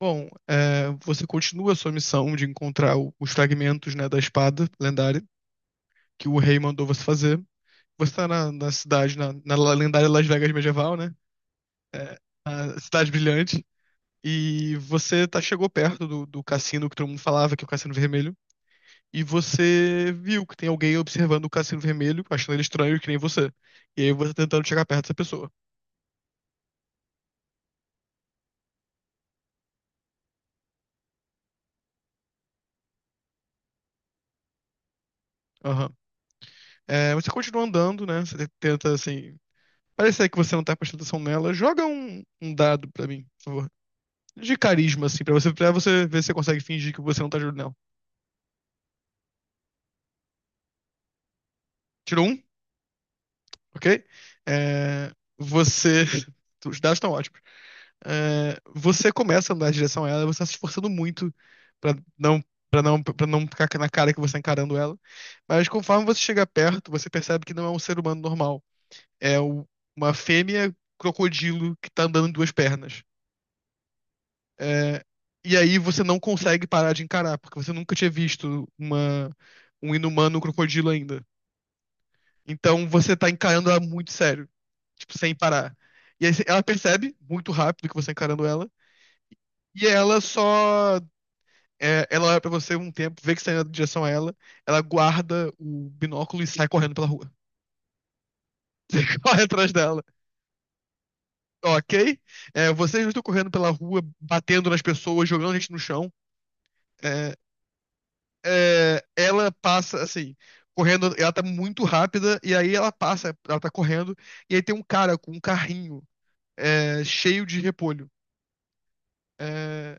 Bom, você continua a sua missão de encontrar os fragmentos, né, da espada lendária que o rei mandou você fazer. Você está na, na cidade, na, na lendária Las Vegas medieval, né? É, a cidade brilhante. E você tá, chegou perto do, do cassino que todo mundo falava, que é o Cassino Vermelho. E você viu que tem alguém observando o Cassino Vermelho, achando ele estranho, que nem você. E aí você tá tentando chegar perto dessa pessoa. Aham. É, você continua andando, né? Você tenta, assim, parece aí que você não tá prestando atenção nela. Joga um dado pra mim, por favor. De carisma, assim, pra você ver se você consegue fingir que você não tá ajudando nela. Tirou um, ok? É, você. Os dados estão ótimos. É, você começa a andar em direção a ela, você tá se esforçando muito pra não, pra não ficar na cara que você tá encarando ela. Mas conforme você chega perto, você percebe que não é um ser humano normal. É o- uma fêmea crocodilo que tá andando em duas pernas. É, e aí você não consegue parar de encarar, porque você nunca tinha visto um inumano crocodilo ainda. Então você tá encarando ela muito sério, tipo, sem parar. E aí ela percebe muito rápido que você tá encarando ela, e ela só. É, ela olha pra você um tempo, vê que você tá indo em direção a ela, ela guarda o binóculo e sai correndo pela rua. Você corre atrás dela. Ok? É, vocês não estão correndo pela rua, batendo nas pessoas, jogando gente no chão. É, é, ela passa assim, correndo, ela tá muito rápida, e aí ela passa, ela tá correndo, e aí tem um cara com um carrinho cheio de repolho. É,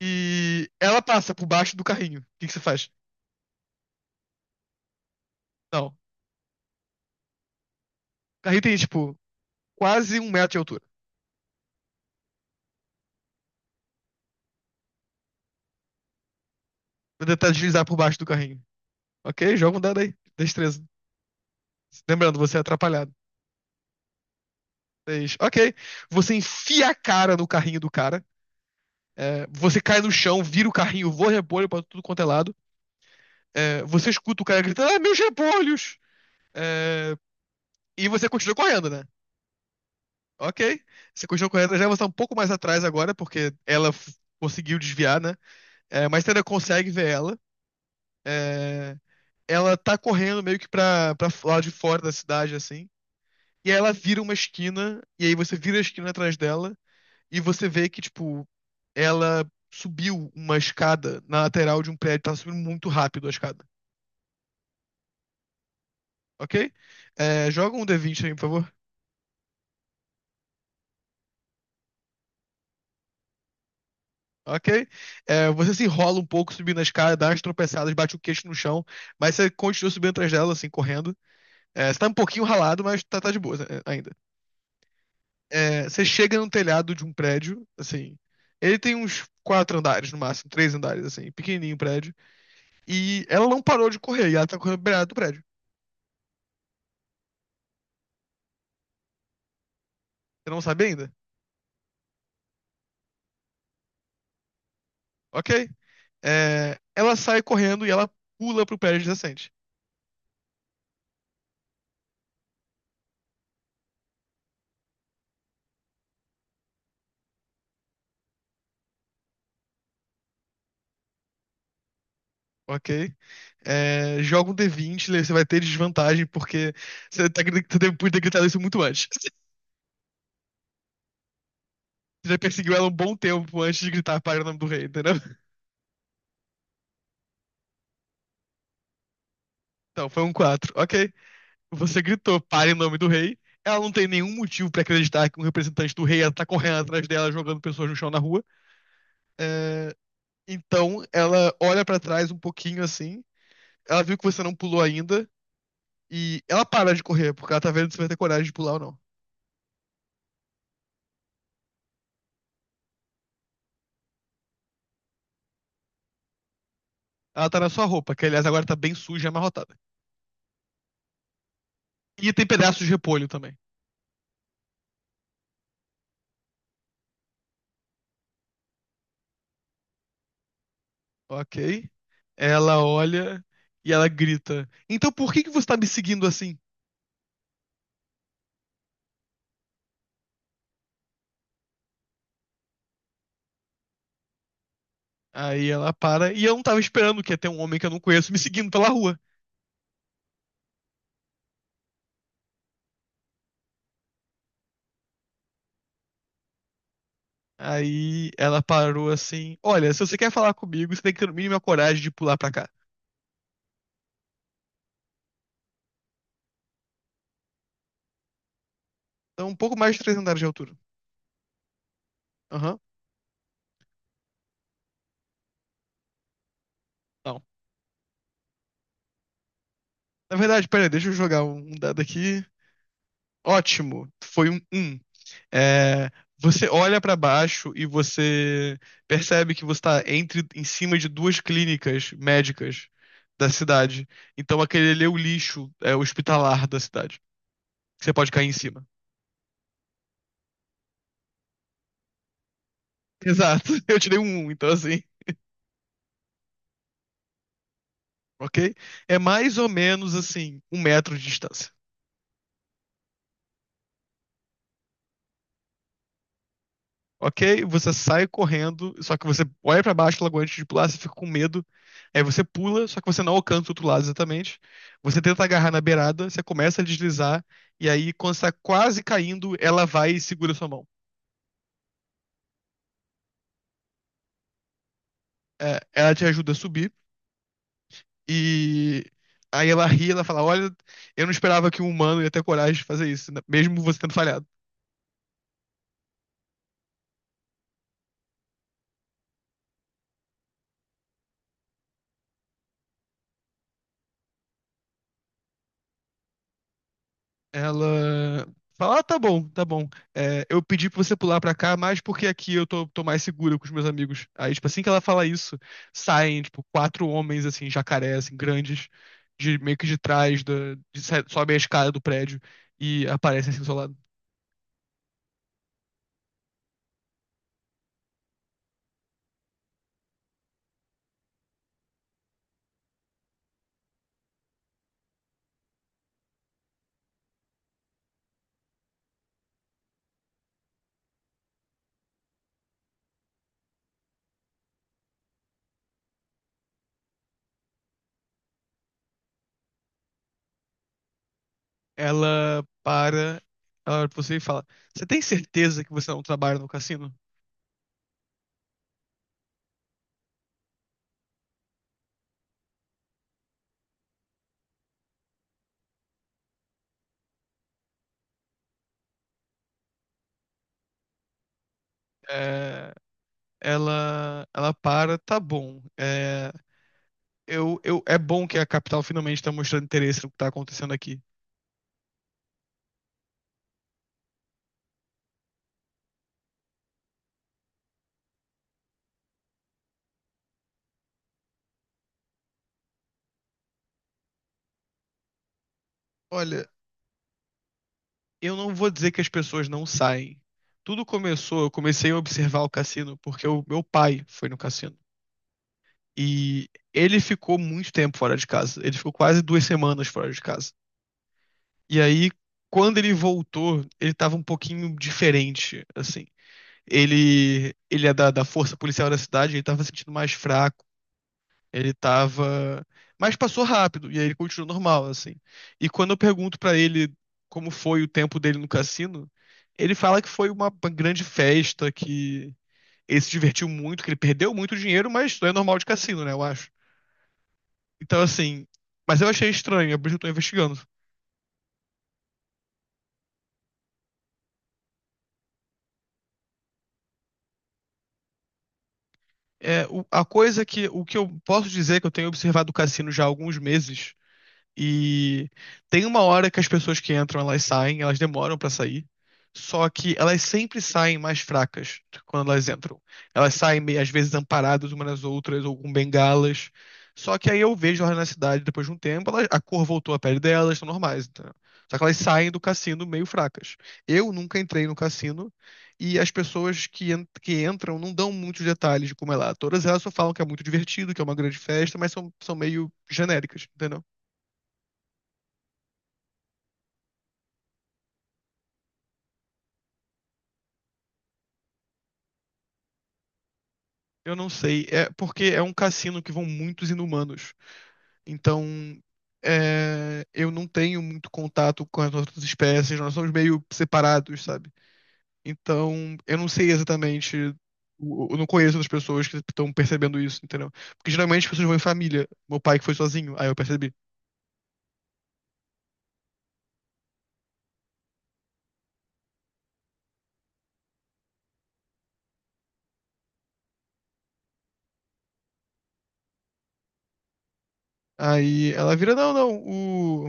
e ela passa por baixo do carrinho. O que que você faz? Não. O carrinho tem, tipo, quase um metro de altura. Vou tentar deslizar por baixo do carrinho. Ok? Joga um dado aí. Destreza. Lembrando, você é atrapalhado. Seis. Ok. Você enfia a cara no carrinho do cara. É, você cai no chão, vira o carrinho, voa repolho pra tudo quanto é lado. É, você escuta o cara gritando, ah, meus repolhos! É, e você continua correndo, né? Ok. Você continua correndo, já está um pouco mais atrás agora, porque conseguiu desviar, né? É, mas você ainda consegue ver ela. É, ela tá correndo meio que pra, pra lá de fora da cidade, assim. E aí ela vira uma esquina, e aí você vira a esquina atrás dela, e você vê que, tipo, ela subiu uma escada na lateral de um prédio, tá subindo muito rápido a escada. Ok? É, joga um D20 aí, por favor. Ok? É, você se enrola um pouco subindo a escada, dá umas tropeçadas, bate o queixo no chão, mas você continua subindo atrás dela, assim, correndo. É, você tá um pouquinho ralado, mas tá, tá de boa é, ainda. É, você chega no telhado de um prédio, assim. Ele tem uns quatro andares no máximo, três andares, assim, pequenininho o prédio. E ela não parou de correr, e ela tá correndo beirada do prédio. Você não sabe ainda? Ok? É, ela sai correndo e ela pula pro prédio adjacente. Ok? É, joga um D20, você vai ter desvantagem, porque você depois de ter gritado isso muito antes. Você já perseguiu ela um bom tempo antes de gritar pare o nome do rei, entendeu? Então, foi um 4, ok. Você gritou pare o nome do rei. Ela não tem nenhum motivo pra acreditar que um representante do rei ela tá correndo atrás dela, jogando pessoas no chão na rua. É, então, ela olha pra trás um pouquinho assim. Ela viu que você não pulou ainda. E ela para de correr, porque ela tá vendo se vai ter coragem de pular ou não. Ela tá na sua roupa, que aliás agora tá bem suja e amarrotada. E tem pedaços de repolho também. Ok. Ela olha e ela grita: então por que que você tá me seguindo assim? Aí ela para e eu não tava esperando que ia ter um homem que eu não conheço me seguindo pela rua. Aí ela parou assim: olha, se você quer falar comigo, você tem que ter no mínimo a coragem de pular pra cá. Então um pouco mais de 3 andares de altura. Aham. Não. Na verdade, peraí, deixa eu jogar um dado aqui. Ótimo, foi um 1. É, você olha pra baixo e você percebe que você tá entre, em cima de duas clínicas médicas da cidade. Então aquele ali é o lixo hospitalar da cidade. Você pode cair em cima. Exato, eu tirei um 1, então assim, ok? É mais ou menos assim, um metro de distância. Ok, você sai correndo, só que você olha pra baixo logo antes de pular, você fica com medo. Aí você pula, só que você não alcança o outro lado exatamente. Você tenta agarrar na beirada, você começa a deslizar, e aí quando você tá quase caindo, ela vai e segura sua mão. É, ela te ajuda a subir, e aí ela ri, ela fala: olha, eu não esperava que um humano ia ter coragem de fazer isso, né, mesmo você tendo falhado. Ela fala: ah, tá bom, tá bom. É, eu pedi pra você pular pra cá, mas porque aqui eu tô, tô mais segura com os meus amigos. Aí, tipo, assim que ela fala isso, saem, tipo, quatro homens, assim, jacaré, assim, grandes, de, meio que de trás, da, sobem a escada do prédio e aparecem assim do seu lado. Ela para, ela olha pra você e fala: você tem certeza que você não trabalha no cassino? É, ela para, tá bom. Eu, é bom que a capital finalmente está mostrando interesse no que está acontecendo aqui. Olha, eu não vou dizer que as pessoas não saem. Tudo começou, eu comecei a observar o cassino porque o meu pai foi no cassino. E ele ficou muito tempo fora de casa. Ele ficou quase duas semanas fora de casa. E aí, quando ele voltou, ele estava um pouquinho diferente, assim. Ele é da, da força policial da cidade, ele estava se sentindo mais fraco. Ele tava. Mas passou rápido, e aí ele continuou normal, assim. E quando eu pergunto pra ele como foi o tempo dele no cassino, ele fala que foi uma grande festa, que ele se divertiu muito, que ele perdeu muito dinheiro, mas isso é normal de cassino, né, eu acho. Então, assim. Mas eu achei estranho, é por isso que eu tô investigando. É, o- a coisa que. O que eu posso dizer que eu tenho observado o cassino já há alguns meses. E tem uma hora que as pessoas que entram, elas saem, elas demoram pra sair. Só que elas sempre saem mais fracas quando elas entram. Elas saem, meio- às vezes, amparadas umas nas outras, ou com bengalas. Só que aí eu vejo elas na cidade depois de um tempo, elas- a cor voltou à pele delas, estão normais, entendeu? Só que elas saem do cassino meio fracas. Eu nunca entrei no cassino e as pessoas que, que entram não dão muitos detalhes de como é lá. Todas elas só falam que é muito divertido, que é uma grande festa, mas são, são meio genéricas, entendeu? Eu não sei. É porque é um cassino que vão muitos inumanos. Então, eu não tenho muito contato com as outras espécies. Nós somos meio separados, sabe? Então, eu não sei exatamente. Eu não conheço as pessoas que estão percebendo isso, entendeu? Porque geralmente as pessoas vão em família. Meu pai que foi sozinho, aí eu percebi. Aí ela vira, não, não, o,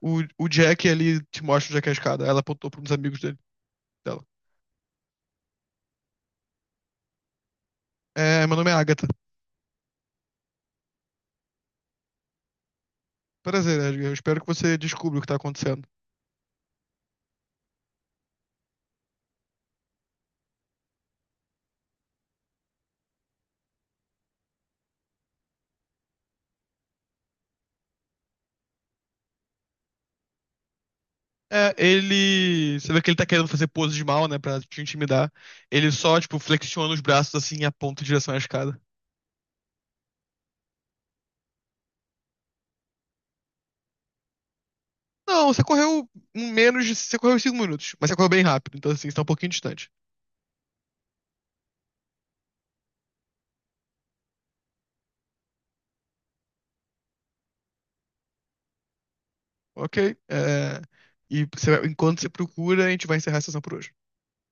o, o Jack ali te mostra o Jack a escada. Ela apontou para uns amigos dele, dela. É, meu nome é Agatha. Prazer, Edgar. Eu espero que você descubra o que tá acontecendo. É, ele. Você vê que ele tá querendo fazer pose de mal, né? Pra te intimidar. Ele só, tipo, flexiona os braços assim e aponta em direção à escada. Não, você correu em menos de. Você correu em cinco minutos, mas você correu bem rápido, então assim, você tá um pouquinho distante. Ok. é, E você- enquanto você procura, a gente vai encerrar a sessão por hoje.